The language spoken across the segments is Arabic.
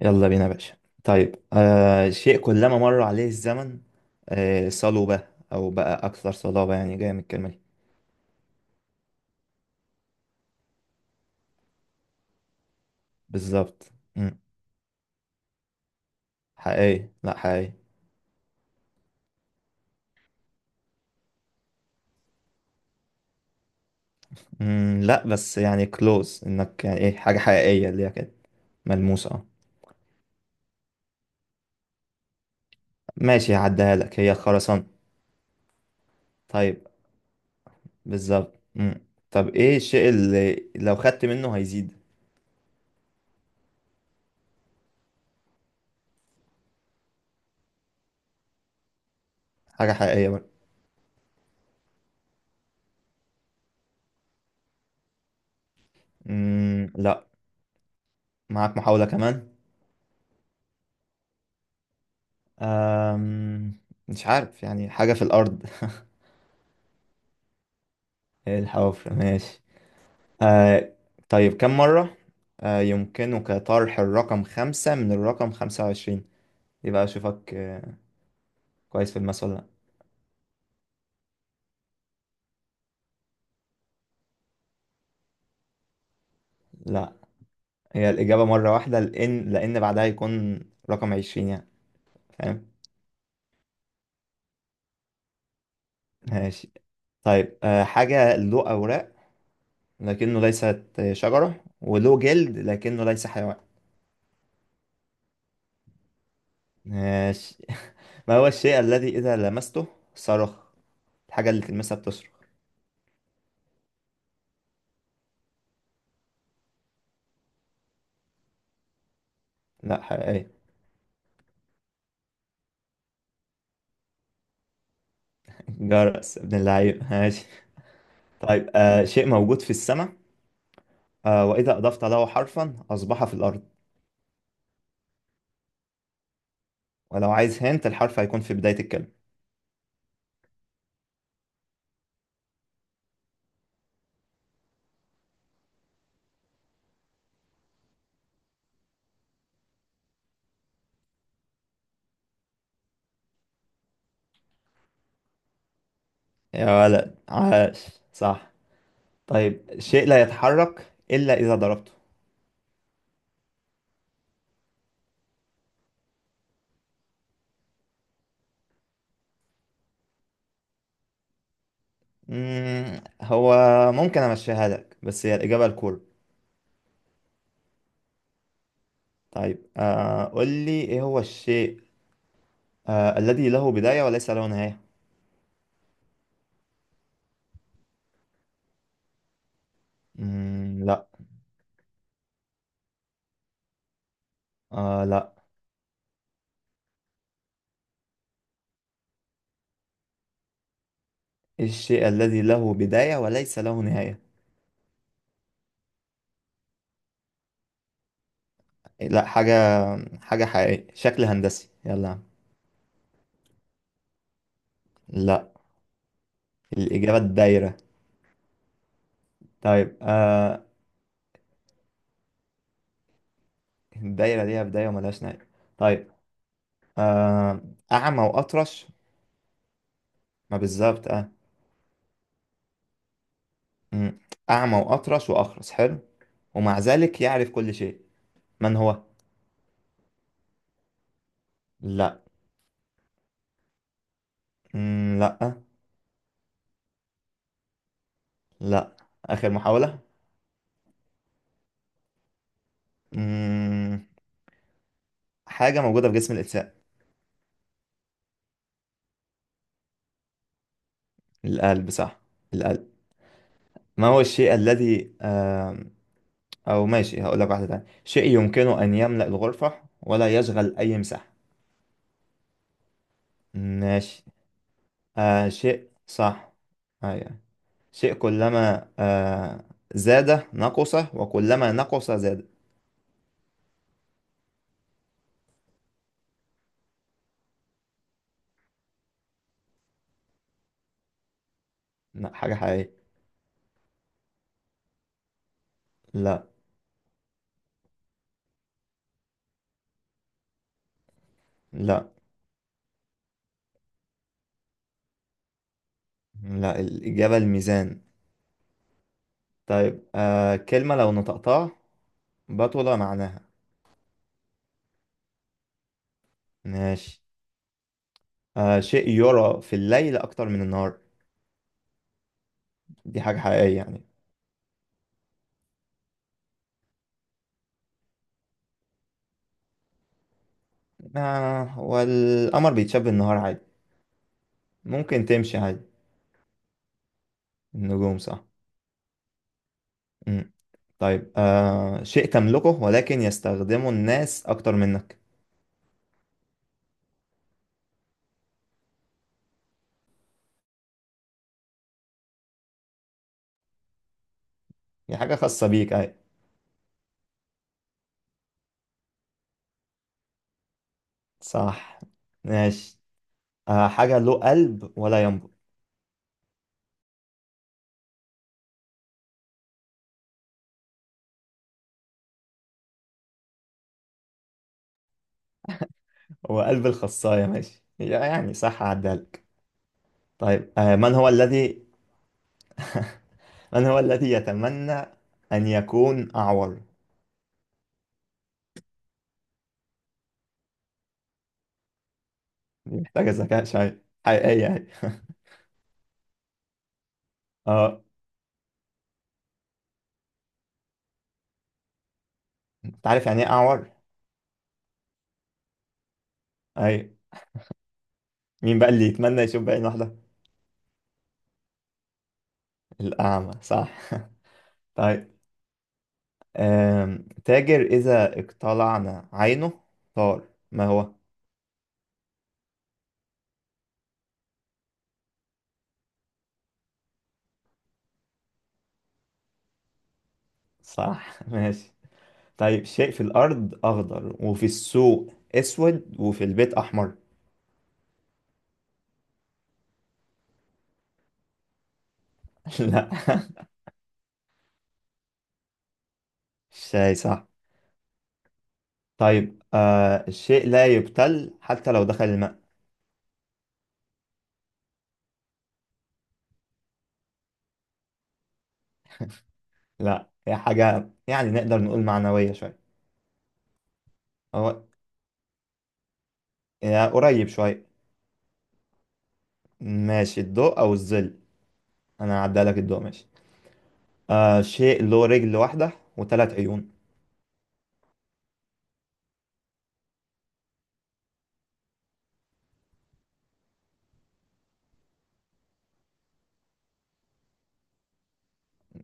يلا بينا يا باشا. طيب، شيء كلما مر عليه الزمن. آه، صلب او بقى اكثر صلابة، يعني جاية من الكلمة دي. بالظبط. مم. حقيقي، لا حقيقي. مم. لا، بس يعني كلوز انك يعني ايه حاجة حقيقية اللي هي كده، ملموسة. اه، ماشي، هعديها لك، هي الخرسانة. طيب. بالظبط. مم. طب ايه الشيء اللي لو خدت منه هيزيد؟ حاجة حقيقية برضه. مم، لا، معاك محاولة كمان. أم... مش عارف، يعني حاجة في الأرض الحفر، ماشي. آه طيب، كم مرة يمكنك طرح الرقم 5 من الرقم 25؟ يبقى أشوفك كويس في الماس ولا لأ. لأ، هي الإجابة مرة واحدة، لأن بعدها يكون رقم 20 يعني. فاهم؟ ماشي. طيب، حاجة له أوراق لكنه ليست شجرة، وله جلد لكنه ليس حيوان. ماشي ما هو الشيء الذي إذا لمسته صرخ؟ الحاجة اللي تلمسها بتصرخ. لا، حقيقية. جرس ابن اللعيب، ماشي. طيب، شيء موجود في السماء وإذا أضفت له حرفا أصبح في الأرض. ولو عايز هنت، الحرف هيكون في بداية الكلمة. يا ولد عاش، صح. طيب، شيء لا يتحرك إلا إذا ضربته. هو ممكن أمشيها لك، بس هي الإجابة الكورة. طيب، قول لي إيه هو الشيء الذي له بداية وليس له نهاية. مم، لا. آه، لا. إيه الشيء الذي له بداية وليس له نهاية؟ لا، حاجة، حاجة حقيقية، شكل هندسي، يلا يا عم. لا، الإجابة الدايرة. طيب، الدايرة ليها بداية وملهاش نهاية. طيب، آه أعمى وأطرش. ما بالظبط، آه. مم. أعمى وأطرش وأخرس، حلو، ومع ذلك يعرف كل شيء. من هو؟ لا. مم، لا. لا، آخر محاولة. مم. حاجة موجودة في جسم الإنسان. القلب، صح. القلب. ما هو الشيء الذي أو ماشي، هقول لك واحدة تانية. شيء يمكنه أن يملأ الغرفة ولا يشغل أي مساحة. ماشي. شيء، صح. أيوة. شيء كلما زاد نقص، وكلما نقص زاد. لا، حاجة حقيقية. لا. لا. لا، الإجابة الميزان. طيب، كلمة لو نطقتها بطل معناها. ماشي. شيء يرى في الليل أكتر من النهار، دي حاجة حقيقية يعني. آه، والقمر بيتشاب النهار عادي، ممكن تمشي عادي. النجوم، صح. مم. طيب، شيء تملكه ولكن يستخدمه الناس أكتر منك. هي حاجة خاصة بيك، أي. صح، ماشي. حاجة له قلب ولا ينبض. هو قلب الخصاية، ماشي يعني صح، عدها لك. طيب، من هو الذي من هو الذي يتمنى أن يكون أعور؟ دي محتاجة ذكاء شوية، حقيقية، أي اه. أنت عارف يعني إيه أعور؟ أي. مين بقى اللي يتمنى يشوف بعين واحدة؟ الأعمى، صح طيب، تاجر إذا اقتلعنا عينه طار، ما هو؟ صح ماشي. طيب، شيء في الأرض أخضر، وفي السوق أسود، وفي البيت أحمر. لا. شيء، صح. طيب، الشيء لا يبتل حتى لو دخل الماء. لا، هي حاجة يعني نقدر نقول معنوية شوية. هو، يا قريب شوية. ماشي، الضوء أو الظل. أنا هعدي لك الضوء، ماشي. شيء له رجل واحدة وثلاث عيون.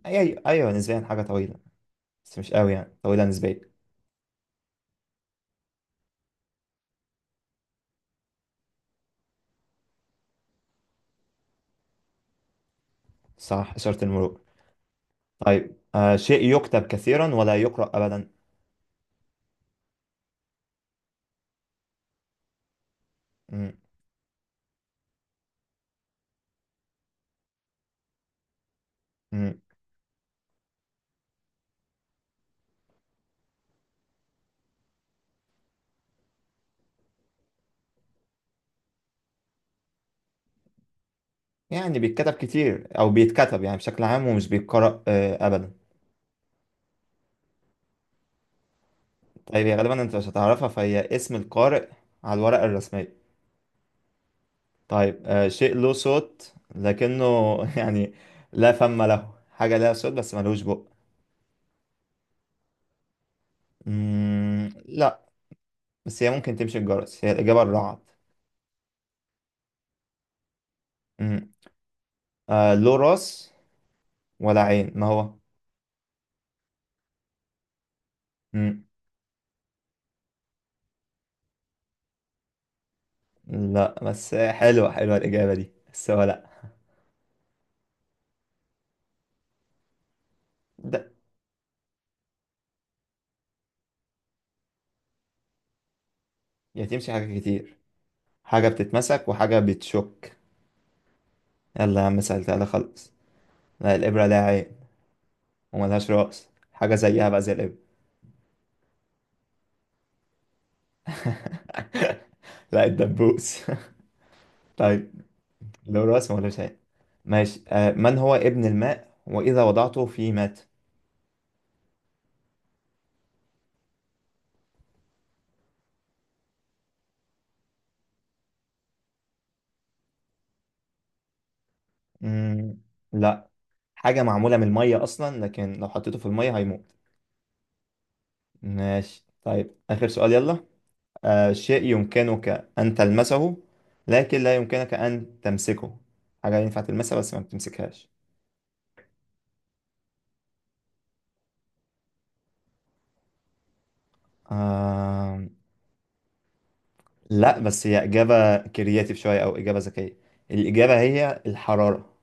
أي أيوة، نسبيا حاجة طويلة، بس مش قوي يعني، طويلة نسبيا. صح، إشارة المرور. طيب، شيء يكتب كثيرا ولا يقرأ أبدا. مم. يعني بيتكتب كتير او بيتكتب يعني بشكل عام، ومش بيتقرأ ابدا. طيب، هي غالبا انت مش هتعرفها، فهي اسم القارئ على الورقة الرسمية. طيب، شيء له صوت لكنه يعني لا فم له، حاجة لها صوت بس ملوش بق. مم، لا. بس هي ممكن تمشي الجرس، هي الإجابة الرعد. مم، له راس ولا عين، ما هو؟ مم، لا، بس حلوة حلوة الإجابة دي، بس هو لا. ده، هي تمشي حاجة كتير، حاجة بتتمسك وحاجة بتشك. يلا يا عم سألتها لك، خلاص. لا، الإبرة لها عين وملهاش رأس. حاجة زيها بقى زي الإبرة. لا، الدبوس طيب، له رأس وملوش عين، ماشي. من هو ابن الماء وإذا وضعته فيه مات؟ مم، لا، حاجة معمولة من المية أصلا لكن لو حطيته في المية هيموت. ماشي، طيب، آخر سؤال، يلا. شيء يمكنك أن تلمسه لكن لا يمكنك أن تمسكه. حاجة ينفع تلمسها، بس ما بتمسكهاش. آم، لا، بس هي إجابة كرياتيف شوية أو إجابة ذكية، الإجابة هي الحرارة.